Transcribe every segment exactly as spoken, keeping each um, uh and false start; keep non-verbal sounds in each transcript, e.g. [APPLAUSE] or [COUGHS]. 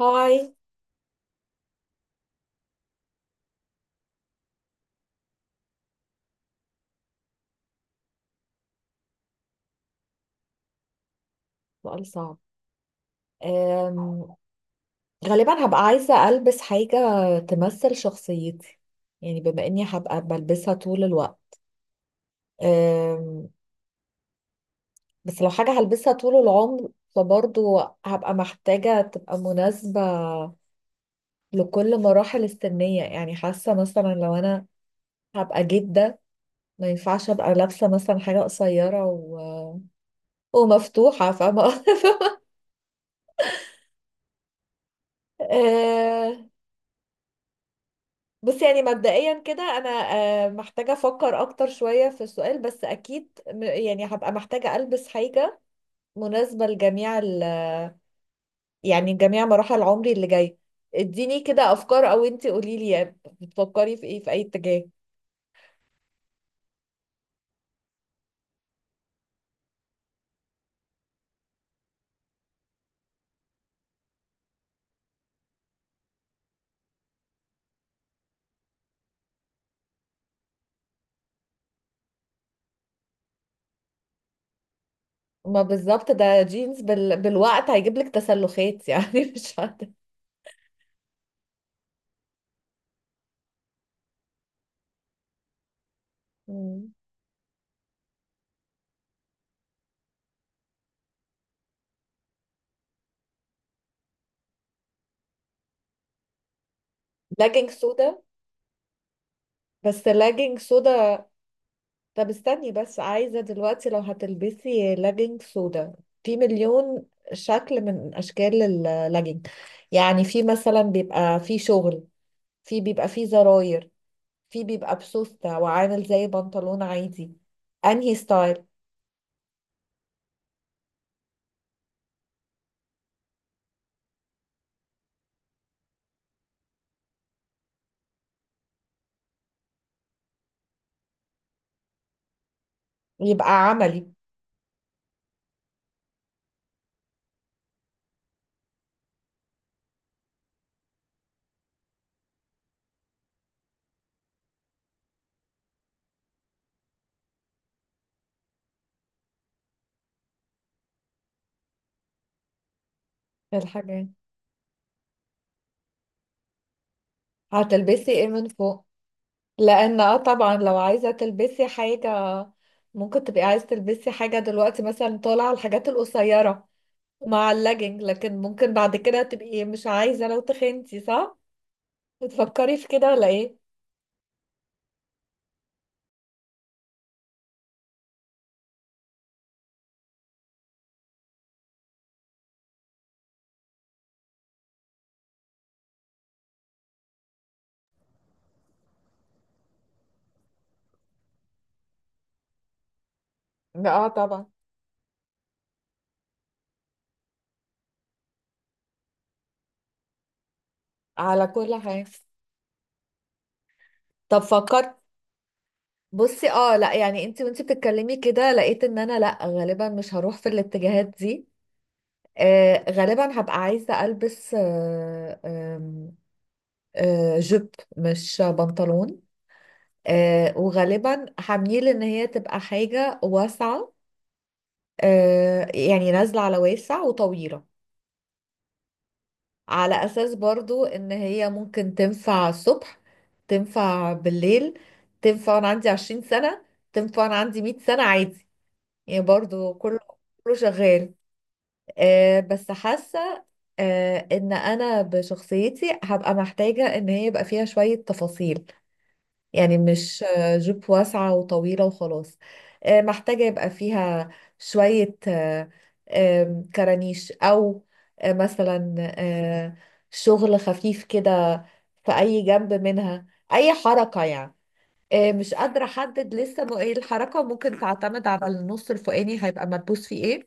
هاي. سؤال صعب. أم... غالبا هبقى عايزة ألبس حاجة تمثل شخصيتي، يعني بما إني هبقى بلبسها طول الوقت. أم... بس لو حاجة هلبسها طول العمر فبرضو هبقى محتاجة تبقى مناسبة لكل مراحل السنية. يعني حاسة مثلا لو أنا هبقى جدة ما ينفعش أبقى لابسة مثلا حاجة قصيرة و... ومفتوحة، فاهمة؟ [LAUGHS] بص، يعني مبدئيا كده انا آه، محتاجه افكر اكتر شويه في السؤال، بس اكيد م- يعني هبقى محتاجه البس حاجه مناسبه لجميع ال يعني جميع مراحل عمري اللي جايه. اديني كده افكار، او انتي قولي لي يعني بتفكري في ايه، في اي اتجاه؟ ما بالظبط ده جينز بال... بالوقت هيجيب لك تسلخات، يعني [LAUGHS] مش عارفه. لاجينج سودا؟ بس لاجينج سودا؟ طب استني بس، عايزة دلوقتي لو هتلبسي لاجينج سودا، في مليون شكل من أشكال اللاجينج. يعني في مثلا بيبقى فيه شغل، في بيبقى فيه زراير، في بيبقى بسوستة وعامل زي بنطلون عادي. أنهي ستايل؟ يبقى عملي. في الحاجات. هتلبسي ايه من فوق؟ لأن اه طبعا لو عايزة تلبسي حاجة، ممكن تبقي عايزة تلبسي حاجة دلوقتي مثلا طالعة الحاجات القصيرة مع اللاجنج، لكن ممكن بعد كده تبقي مش عايزة لو تخنتي، صح؟ بتفكري في كده ولا ايه؟ اه طبعا. على كل حاجة. طب فكرت. بصي اه لا، يعني انت وانت بتتكلمي كده لقيت ان انا لا، غالبا مش هروح في الاتجاهات دي. آه غالبا هبقى عايزة البس، آه آم، آه جيب، مش بنطلون. آه وغالبا هميل ان هي تبقى حاجة واسعة. آه يعني نازلة على واسع وطويلة، على اساس برضو ان هي ممكن تنفع الصبح، تنفع بالليل، تنفع وانا عندي عشرين سنة، تنفع وانا عندي مية سنة، عادي. يعني برضو كله، كله شغال. آه بس حاسة آه ان انا بشخصيتي هبقى محتاجة ان هي يبقى فيها شوية تفاصيل، يعني مش آه، جيب واسعة وطويلة وخلاص. آه، محتاجة يبقى فيها شوية، آه، آم، كرانيش، أو آه، مثلا آه، شغل خفيف كده في أي جنب منها، أي حركة يعني. آه، مش قادرة أحدد لسه م- إيه الحركة، ممكن تعتمد على النص الفوقاني هيبقى مدبوس فيه إيه.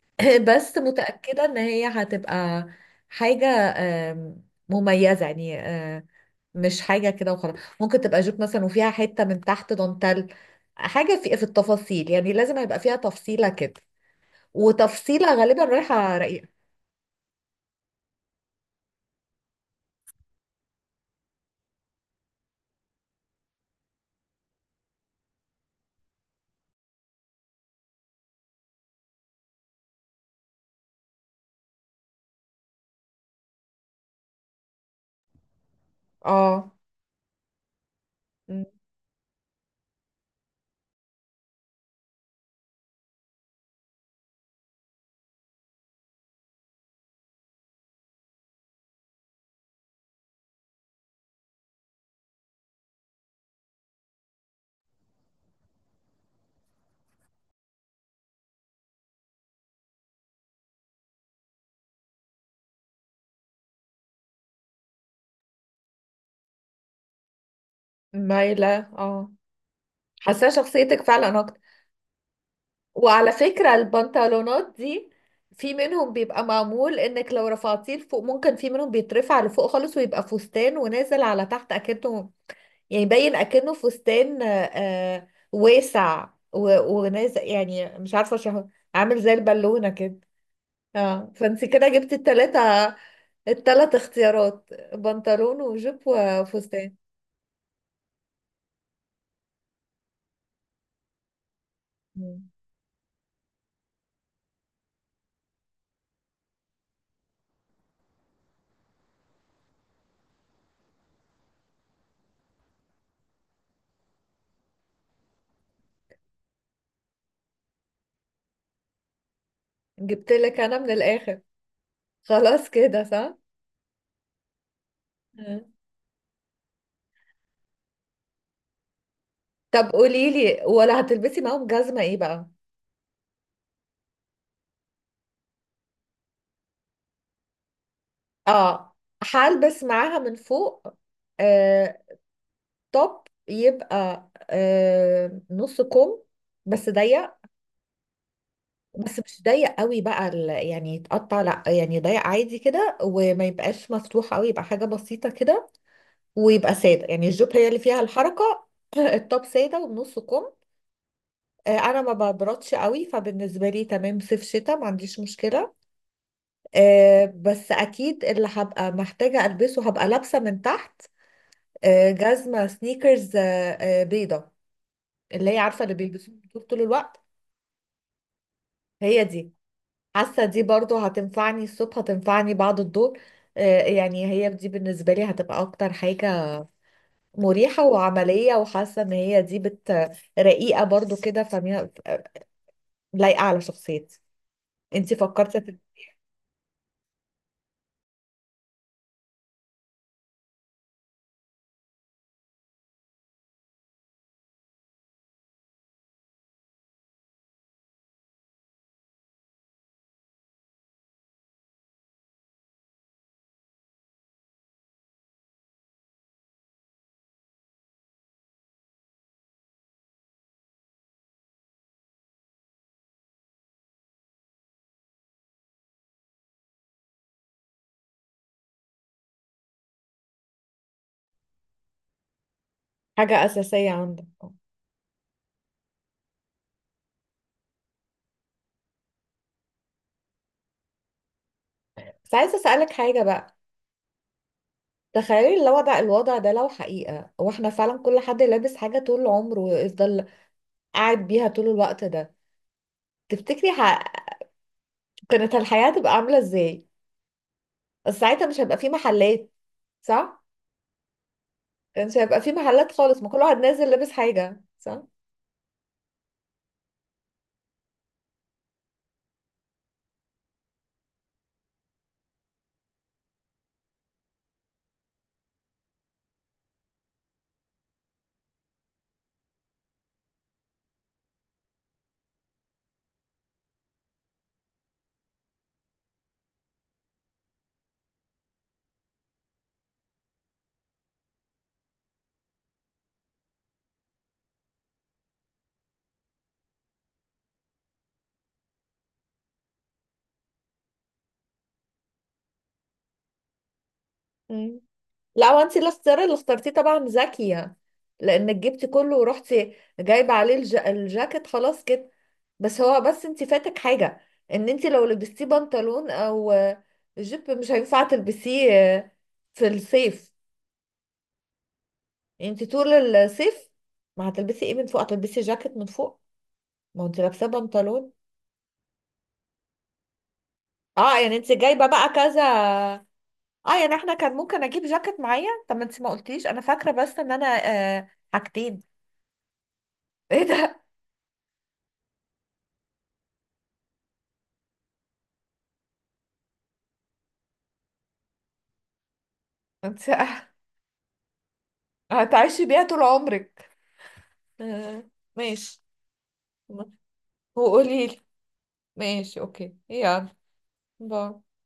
[COUGHS] [LAUGHS] بس متأكدة إن هي هتبقى حاجة آم، مميزة، يعني آه، مش حاجة كده وخلاص. ممكن تبقى جوب مثلا وفيها حتة من تحت دانتال، حاجة في في التفاصيل. يعني لازم يبقى فيها تفصيلة كده، وتفصيلة غالبا رايحة رقيقة. اه م- مايلة، اه. حاسة شخصيتك فعلا اكتر. وعلى فكرة البنطلونات دي، في منهم بيبقى معمول انك لو رفعتيه لفوق، ممكن في منهم بيترفع لفوق خالص ويبقى فستان ونازل على تحت اكنه، يعني باين اكنه فستان آه، آه، واسع و- ونازل، يعني مش عارفه شهر، عامل زي البالونه كده. اه فانت كده جبت التلاتة، التلات اختيارات: بنطلون وجيب وفستان. مم. جبت لك انا من الاخر، خلاص كده، صح؟ مم. طب قولي لي، ولا هتلبسي معاهم جزمه ايه بقى؟ اه. هلبس معاها من فوق آه، توب يبقى آه، نص كم، بس ضيق. بس مش ضيق قوي بقى ال- يعني يتقطع، لا، يعني ضيق عادي كده، وما يبقاش مفتوح قوي، يبقى حاجة بسيطة كده. ويبقى سادة، يعني الجوب هي اللي فيها الحركة. [CLEARS THROAT] التوب سادة وبنص كم. آه، انا ما ببردش قوي، فبالنسبة لي تمام، صيف شتاء ما عنديش مشكلة. آه، بس اكيد اللي هبقى محتاجة البسه، هبقى لابسة من تحت آه، جزمة سنيكرز آه، آه، بيضة، اللي هي عارفة اللي بيلبسوها طول الوقت، هي دي. حاسه دي برضو هتنفعني الصبح، هتنفعني بعد الظهر. آه، يعني هي دي بالنسبه لي هتبقى اكتر حاجه مريحه وعمليه، وحاسه ان هي دي بت، رقيقه برضو كده فميها، لايقه على شخصيتي. انتي فكرتي في حاجه اساسيه عندك. بس عايزه اسالك حاجه بقى، تخيلي الوضع، الوضع ده لو حقيقه، واحنا فعلا كل حد لابس حاجه طول عمره ويفضل قاعد بيها طول الوقت ده، تفتكري ح- كانت الحياه هتبقى عامله ازاي؟ بس ساعتها مش هيبقى في محلات، صح؟ مش هيبقى في محلات خالص، ما كل واحد نازل لابس حاجة، صح؟ مم. لا، وانت الاختيار اللي اخترتيه طبعا ذكية، لانك جبتي كله ورحتي جايبة عليه الج... الجاكيت، خلاص كده. بس هو بس انت فاتك حاجة، ان انت لو لبستيه بنطلون او آه، جيب، مش هينفع تلبسيه آه، في الصيف. انت طول الصيف ما هتلبسي ايه من فوق؟ هتلبسي جاكيت من فوق؟ ما هو انت لابساه بنطلون. اه يعني انت جايبة بقى كذا. اه يعني احنا كان ممكن اجيب جاكيت معايا، طب ما انت ما قلتيش انا فاكره، بس ان انا آه، حاجتين. [LAUGHS] ايه ده! انت هتعيشي بيها طول عمرك. آه. ماشي. وقولي لي. ماشي، اوكي، يلا. باي.